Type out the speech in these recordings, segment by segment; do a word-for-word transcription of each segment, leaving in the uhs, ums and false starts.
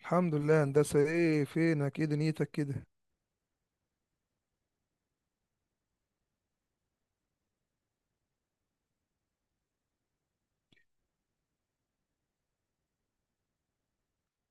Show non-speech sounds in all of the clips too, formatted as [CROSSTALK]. الحمد لله، هندسة. ايه فينك؟ ايه دنيتك كده؟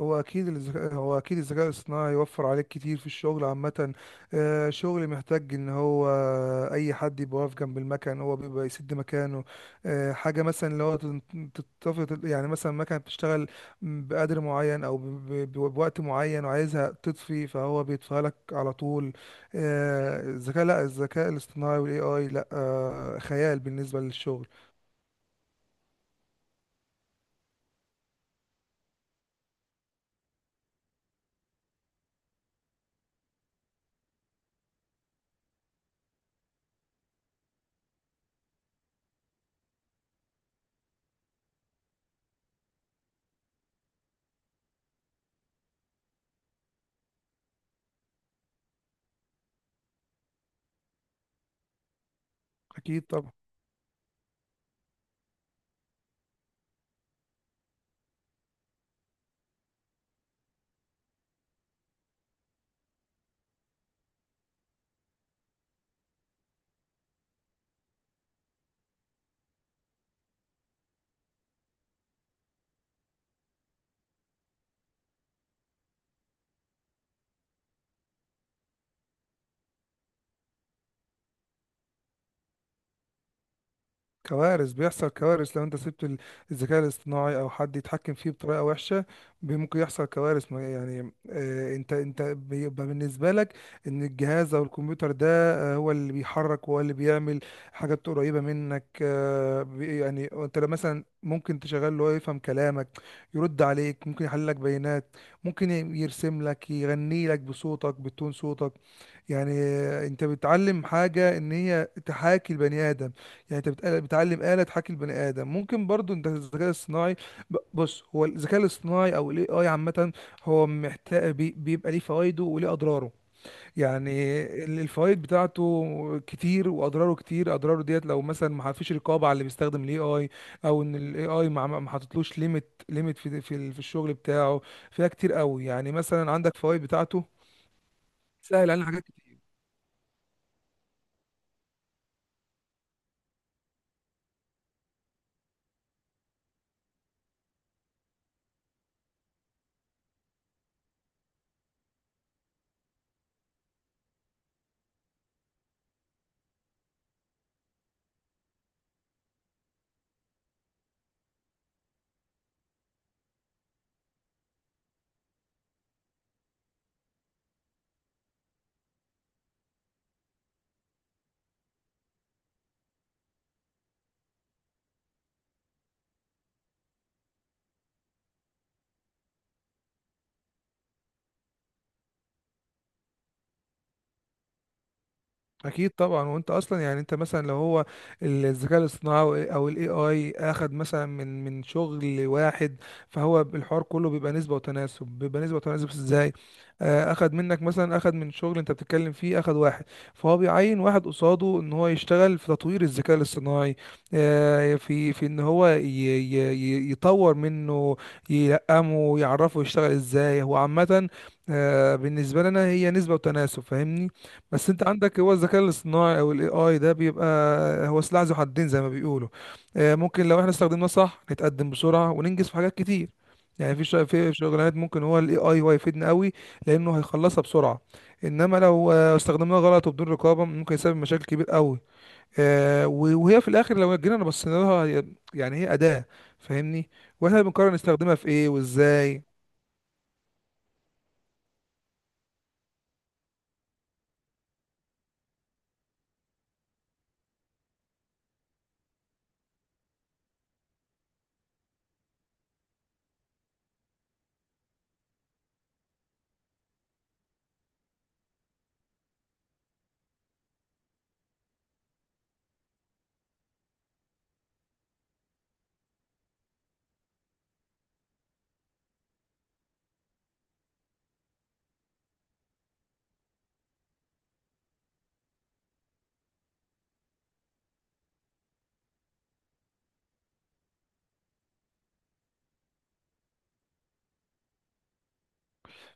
هو اكيد الذكاء هو اكيد الذكاء الصناعي يوفر عليك كتير في الشغل عامة. آه، شغل محتاج ان هو اي حد يبقى واقف جنب المكن، هو بيبقى يسد مكانه. آه، حاجة مثلا اللي هو تت- تتفق، يعني مثلا مكنة بتشتغل بقدر معين او ب- ب- بوقت معين وعايزها تطفي، فهو بيطفيها لك على طول. آه، الذكاء لا الذكاء الاصطناعي والاي اي لا آه، خيال بالنسبة للشغل. اكيد طبعا. كوارث بيحصل كوارث لو انت سبت ال- الذكاء الاصطناعي او حد يتحكم فيه بطريقه وحشه. بي- ممكن يحصل كوارث، ما- يعني آه، انت انت بيبقى بالنسبه لك ان الجهاز او الكمبيوتر ده آه، هو اللي بيحرك، هو اللي بيعمل حاجات قريبه منك. آه، بي- يعني انت لو مثلا ممكن تشغل له يفهم كلامك، يرد عليك، ممكن يحلل لك بيانات، ممكن ي- يرسم لك، يغني لك بصوتك بتون صوتك. يعني انت بتعلم حاجة ان هي تحاكي البني ادم، يعني انت بتقل- بتعلم آلة تحاكي البني ادم. ممكن برضو انت الذكاء الصناعي، ب- بص، هو الذكاء الاصطناعي او الاي اي عامة هو محتاج بي- بيبقى ليه فوائده وليه اضراره. يعني ال- الفوائد بتاعته كتير واضراره كتير. اضراره ديت لو مثلا ما فيش رقابة على اللي بيستخدم الاي اي، او ان الاي اي ما ما حطتلوش ليميت ليميت في في في الشغل بتاعه، فيها كتير قوي. يعني مثلا عندك فوائد بتاعته، سهل علينا حاجات. اكيد طبعا. وانت اصلا يعني انت مثلا لو هو الذكاء الاصطناعي او الاي اي اخد مثلا من من شغل واحد، فهو الحوار كله بيبقى نسبه وتناسب. بيبقى نسبه وتناسب ازاي؟ آه، اخد منك، مثلا اخد من شغل انت بتتكلم فيه، اخد واحد، فهو بيعين واحد قصاده ان هو يشتغل في تطوير الذكاء الاصطناعي. آه، في في ان هو ي- ي- ي- يطور منه، يلقمه، يعرفه يشتغل ازاي هو عامه. آه، بالنسبه لنا هي نسبه وتناسب، فاهمني. بس انت عندك هو الذكاء الاصطناعي او الاي اي ده بيبقى هو سلاح ذو حدين زي ما بيقولوا. آه، ممكن لو احنا استخدمناه صح نتقدم بسرعه وننجز في حاجات كتير. يعني في شغ- في شغلانات ممكن هو الاي اي هو يفيدنا قوي لانه هيخلصها بسرعه. انما لو آه، استخدمناه غلط وبدون رقابه ممكن يسبب مشاكل كبير قوي. آه، و- وهي في الاخر لو جينا بصينا لها، هي- يعني هي اداه، فاهمني، واحنا بنقرر نستخدمها في ايه وازاي.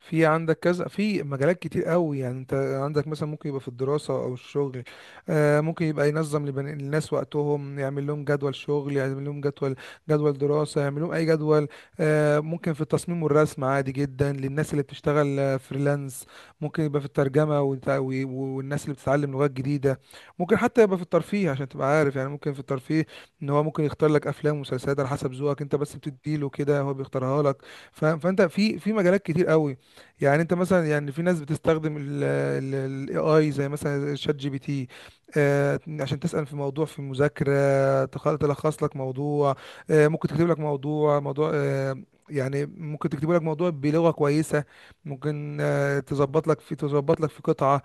في عندك كذا، في مجالات كتير قوي يعني. انت عندك مثلا ممكن يبقى في الدراسة او الشغل. آه، ممكن يبقى ينظم لبن- للناس وقتهم، يعمل لهم جدول شغل، يعمل لهم جدول جدول دراسة، يعمل لهم اي جدول. آه، ممكن في التصميم والرسم، عادي جدا للناس اللي بتشتغل آه، فريلانس. ممكن يبقى في الترجمة وانت- و- و- والناس اللي بتتعلم لغات جديدة. ممكن حتى يبقى في الترفيه عشان تبقى عارف. يعني ممكن في الترفيه، ان هو ممكن يختار لك افلام ومسلسلات على حسب ذوقك، انت بس بتديله كده هو بيختارها لك. ف- فانت في في مجالات كتير قوي. يعني انت مثلا يعني في ناس بتستخدم الاي اي زي مثلا شات جي بي تي، آه، عشان تسأل في موضوع، في مذاكرة تخ- تلخص لك موضوع. آه، ممكن تكتب لك موضوع، موضوع آه، يعني ممكن تكتب لك موضوع بلغة كويسة. ممكن آه، تظبط لك في تظبط لك في قطعة.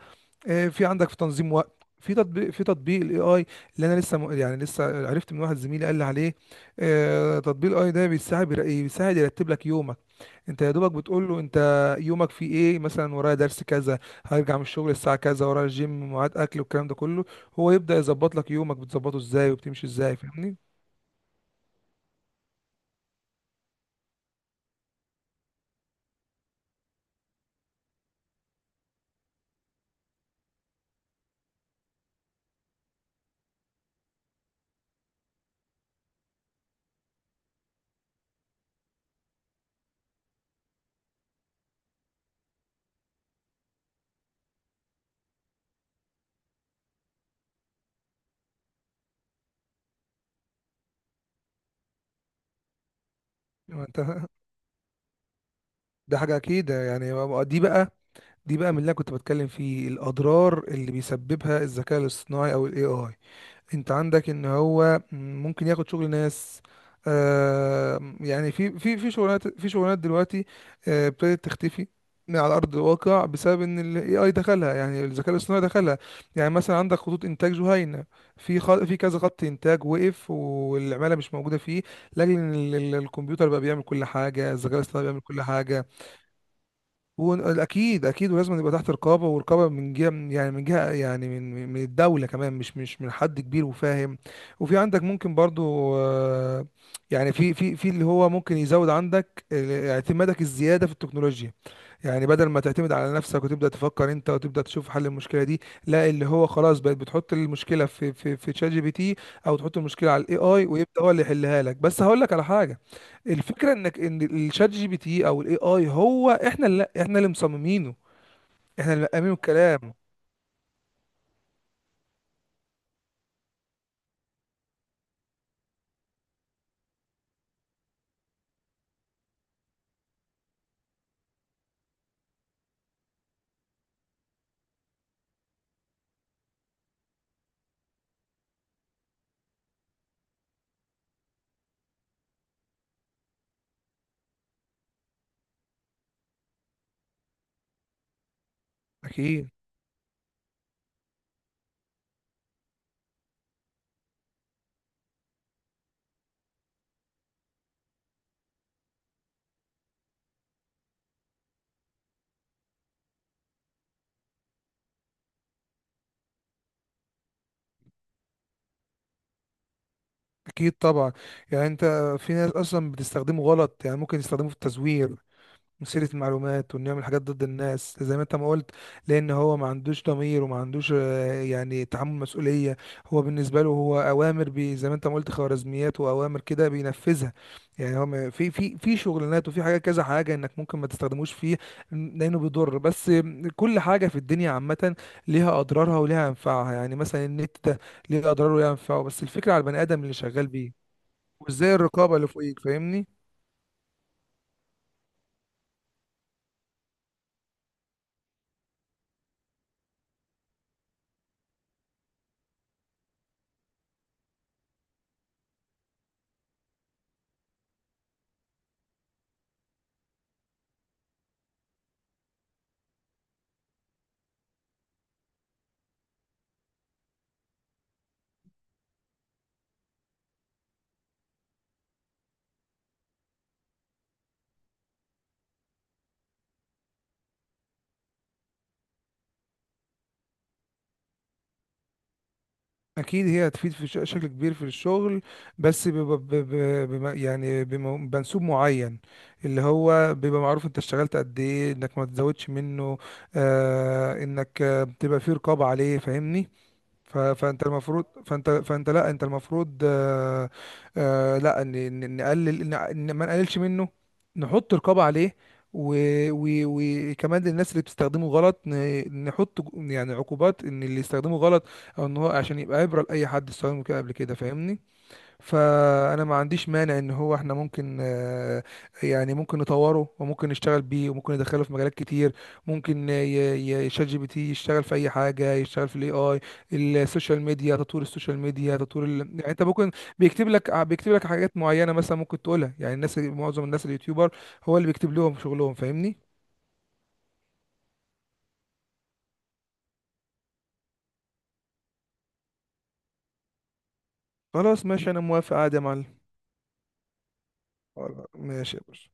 آه، في عندك في تنظيم وقت، في تطبيق في تطبيق الاي اي اللي انا لسه م- يعني لسه عرفت من واحد زميلي قال لي عليه. آه، تطبيق الاي ده بيساعد بيساعد يرتب لك يومك. انت يا دوبك بتقول له انت يومك فيه ايه. مثلا ورايا درس كذا، هرجع من الشغل الساعه كذا، ورايا الجيم، ميعاد اكل، والكلام ده كله. هو يبدا يظبط لك يومك بتظبطه ازاي وبتمشي ازاي، فاهمني. ما انت [LAUGHS] ده حاجه اكيد يعني. دي بقى دي بقى من اللي أنا كنت بتكلم فيه، الاضرار اللي بيسببها الذكاء الاصطناعي او الاي اي. انت عندك ان هو ممكن ياخد شغل ناس. آه يعني في في في شغلانات في شغلانات دلوقتي آه، ابتدت تختفي على ارض الواقع بسبب ان الاي اي دخلها، يعني الذكاء الاصطناعي دخلها. يعني مثلا عندك خطوط انتاج جهينه، في خ... في كذا خط انتاج وقف والعماله مش موجوده فيه، لاجل ان ال- ال- الكمبيوتر بقى بيعمل كل حاجه، الذكاء الاصطناعي بيعمل كل حاجه. واكيد اكيد، ولازم يبقى تحت رقابه، ورقابه من جهه يعني من جهه يعني من من من الدوله كمان، مش مش من حد كبير، وفاهم. وفي عندك ممكن برضو، آه، يعني في في في اللي هو ممكن يزود عندك آه، اعتمادك، الزياده في التكنولوجيا. يعني بدل ما تعتمد على نفسك وتبدأ تفكر انت وتبدأ تشوف حل المشكلة دي، لا، اللي هو خلاص بقت بتحط المشكلة في في في شات جي بي تي، او تحط المشكلة على الاي اي ويبدأ هو اللي يحلها لك. بس هقول لك على حاجة، الفكرة انك ان الشات جي بي تي او الاي اي هو احنا اللي احنا اللي مصممينه، احنا اللي مقامينه الكلام. اكيد، اكيد طبعا. يعني انت في ناس اصلا بتستخدمه غلط، يعني ممكن يستخدمه في التزوير، مثيرة المعلومات، وانه يعمل حاجات ضد الناس زي ما انت ما قلت. لان هو ما عندوش ضمير وما عندوش آه، يعني تحمل مسؤولية. هو بالنسبة له هو اوامر، بي زي ما انت ما قلت خوارزميات واوامر كده بينفذها. يعني هو ما- في في في شغلانات وفي حاجة كذا حاجة انك ممكن ما تستخدموش فيه لانه بيضر. بس كل حاجة في الدنيا عامة ليها اضرارها وليها انفعها. يعني مثلا النت ده ليه اضراره وليه انفعه، بس الفكرة على البني ادم اللي شغال بيه وازاي الرقابة اللي فوقيك، فاهمني. اكيد هي هتفيد في ش- شكل كبير في الشغل، بس بيبقى ب- ب- بم- يعني بم- بمنسوب معين، اللي هو بيبقى معروف انت اشتغلت قد ايه، انك ما تزودش منه. آه انك آه، بتبقى فيه رقابة عليه، فاهمني. ف- فانت المفروض فانت فانت لا انت المفروض، آه، آه، لا، ن- ن- نقلل ن- ن- ما نقللش منه، نحط رقابة عليه. و- و- وكمان للناس اللي بتستخدمه غلط، ن- نحط ج- يعني عقوبات، ان اللي يستخدمه غلط او ان هو عشان يبقى عبرة لأي حد استخدمه كده قبل كده، فاهمني. فانا ما عنديش مانع ان هو احنا ممكن، آه، يعني ممكن نطوره وممكن نشتغل بيه وممكن ندخله في مجالات كتير. ممكن ي- ي- شات جي بي تي يشتغل في اي حاجه، يشتغل في الاي اي، السوشيال ميديا، تطوير السوشيال ميديا، تطوير ال... يعني انت ممكن بيكتب لك بيكتب لك حاجات معينه مثلا ممكن تقولها. يعني الناس، معظم الناس اليوتيوبر، هو اللي بيكتب لهم شغلهم، فاهمني. خلاص، ماشي، انا موافق عادي يا معلم. خلاص، ماشي يا باشا.